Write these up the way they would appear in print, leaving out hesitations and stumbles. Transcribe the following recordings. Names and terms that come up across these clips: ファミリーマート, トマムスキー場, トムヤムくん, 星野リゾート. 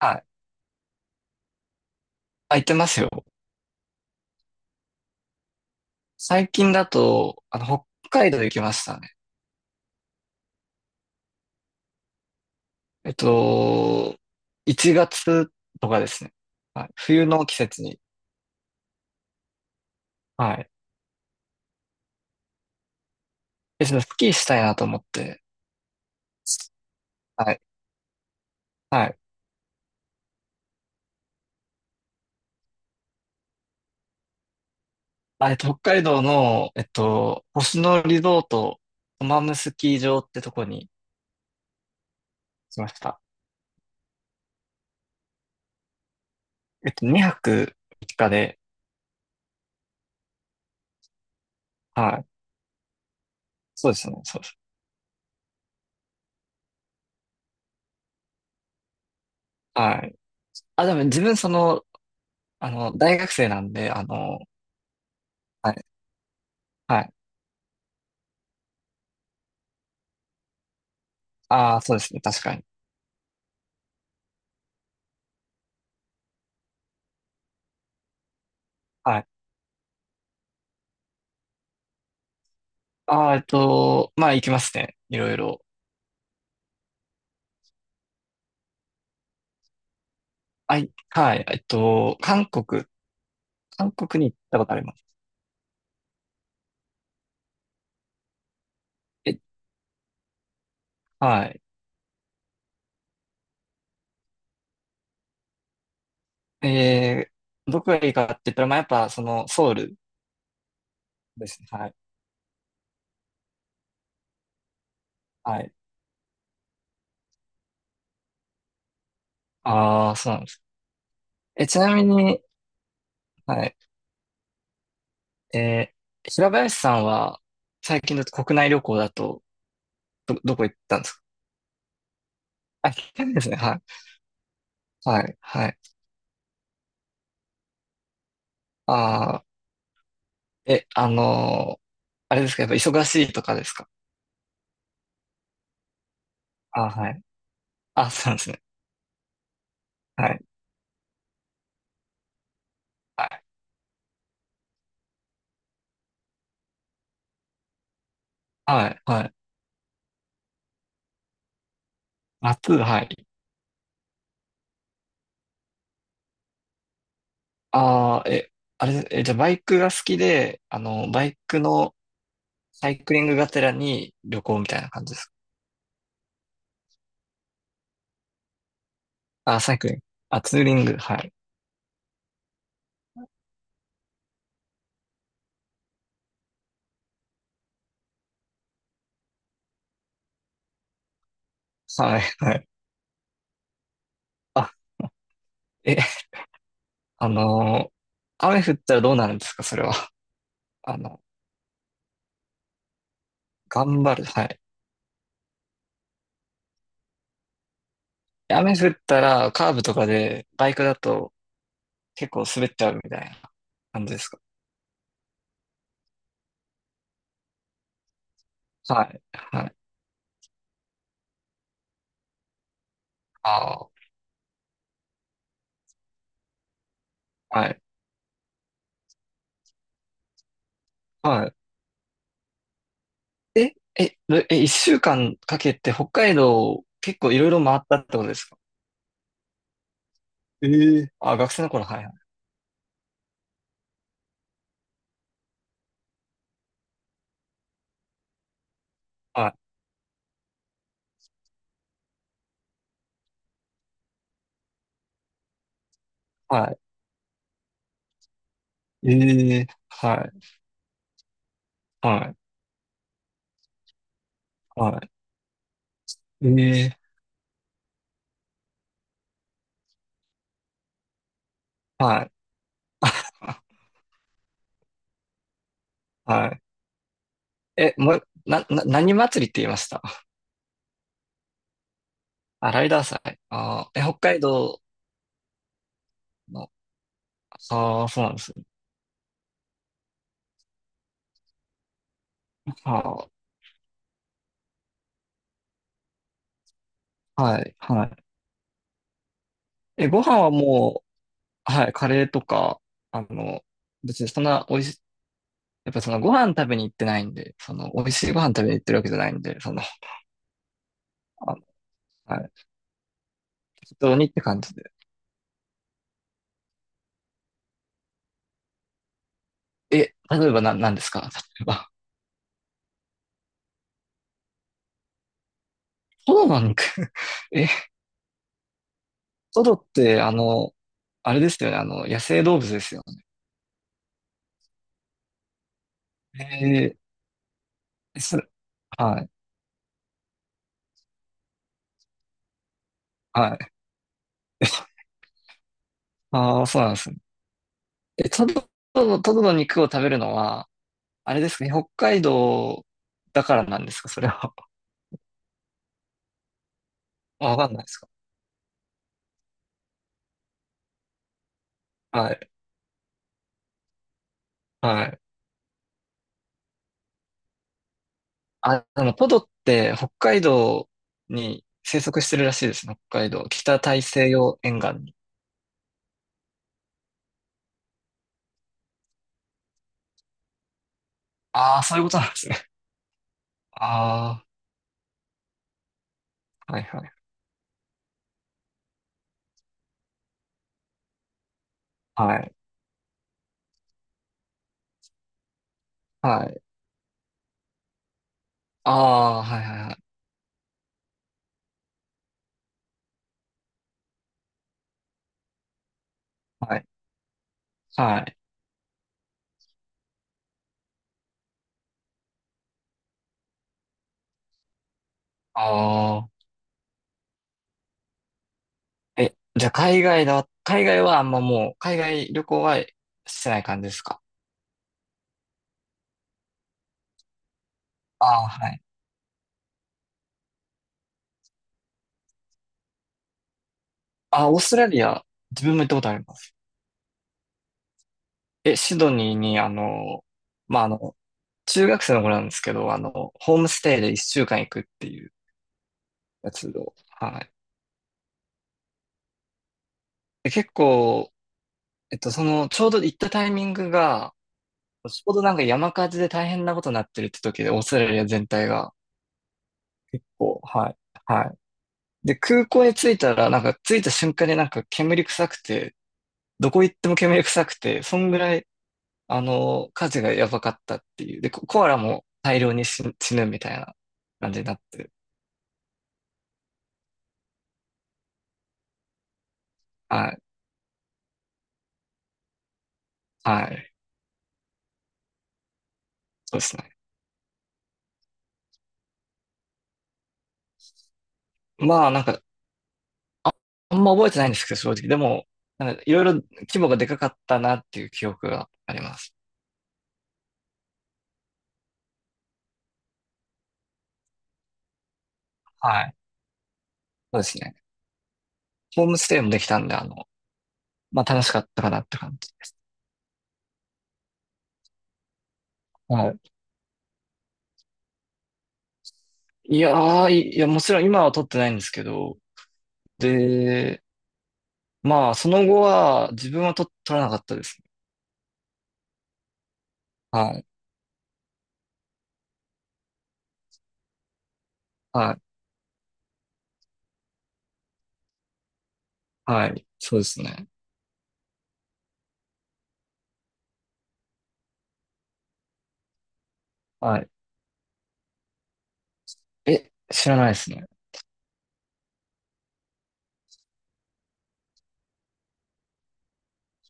あ、あ、行ってますよ。最近だと、北海道行きましたね。えっと、1月とかですね。はい。冬の季節に。はい。で、そのスキーしたいなと思って。はい。はい。あ、北海道の、星野リゾート、トマムスキー場ってとこにしました。2泊3日で、はい。そうですね、そうです。はい。あ、でも自分大学生なんで、はい。はい。ああ、そうですね、確かに。はい。ああ、まあ行きますね。いろいろ。はい、はい、韓国に行ったことあります。え、はい。えどこがいいかって言ったら、まあやっぱその、ソウルですね。はい、はい。ああ、そうなんです。え、ちなみに、はい、え平林さんは、最近だと国内旅行だと、どこ行ったんですか？あ、行ったんですね。はい、はい、はい。ああ、え、あのーあれですか、やっぱ忙しいとかですか？ああ、はい。あ、そうなんですね。はい。はい、はい。夏、はい。ああ、あれ、じゃあバイクが好きで、バイクのサイクリングがてらに旅行みたいな感じですか？あ、サイクリング。あ、ツーリング、はい。はい、はい。あ、え、あのー雨降ったらどうなるんですかそれは？あの、頑張る、はい。雨降ったらカーブとかでバイクだと結構滑っちゃうみたいな感じですか？はい、はい。ああ、はい、はい。一週間かけて北海道結構いろいろ回ったってことですか？ええ、あ、学生の頃、はいはい。はい。はい、ええ、はい。はい。はい。ええ、はい。あ、はい。もう、何祭りって言いました？あ、ライダー祭。北海道の。ああ、そうなんですね。はあ、はい、はい。ご飯はもう、はい、カレーとか、あの、別にそんな美味し、やっぱそのご飯食べに行ってないんで、その美味しいご飯食べに行ってるわけじゃないんで、あのはい、適当にって感じで。え、例えば何ですか？例えば、トドの肉。 え、トドってあれですよね、野生動物ですよね。それ、はい、はい。ああ、そうなんですね。え、トド、トドの肉を食べるのは、あれですかね、北海道だからなんですかそれは？わかんないですか？はい、はい。ポドって北海道に生息してるらしいですね。北海道。北大西洋沿岸に。ああ、そういうことなんですね。ああ、はいはい。はい。はい。ああ、はいはいはい。はい。はい。ああ。じゃあ海外だ。海外はあんまもう、海外旅行はしてない感じですか？ああ、はい。ああ、オーストラリア、自分も行ったことあります。シドニーに、まあ、中学生の頃なんですけど、ホームステイで一週間行くっていう。やつ。はい。で結構、ちょうど行ったタイミングが、ちょうどなんか山火事で大変なことになってるって時で、オーストラリア全体が。結構、はい。はい。で、空港に着いたら、なんか着いた瞬間になんか煙臭くて、どこ行っても煙臭くて、そんぐらい、火事がやばかったっていう。で、ココアラも大量に死ぬみたいな感じになって。はい。はい。そうですね。まあ、なんかあんま覚えてないんですけど、正直。でも、なんかいろいろ規模がでかかったなっていう記憶があります。はい。そうですね。ホームステイもできたんで、まあ楽しかったかなって感じ。はい。いやー、いいや、もちろん今は取ってないんですけど、で、まあその後は自分は取らなかったですね。はい。はい。はい。そうですね。はい。え、知らないですね。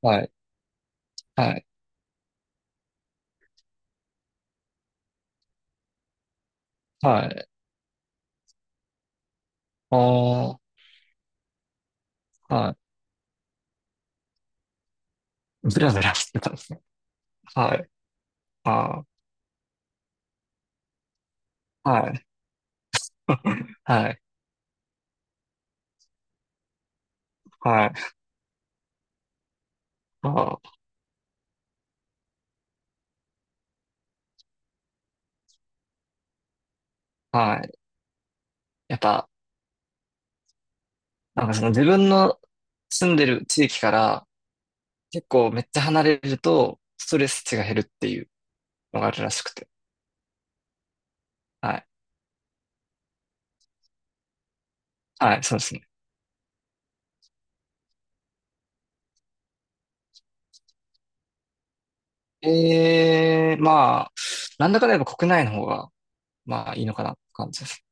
はい。はい。はい。ああ、はい。ブラブラしてたんですね。はい。ああ、はい。はい。はい。ああ、はい。やっぱ、なんかその自分の住んでる地域から結構めっちゃ離れるとストレス値が減るっていうのがあるらしくて。はい。はい、そうですね。ええ、まあ、なんだかんだやっぱ国内の方が、まあいいのかなって感じです。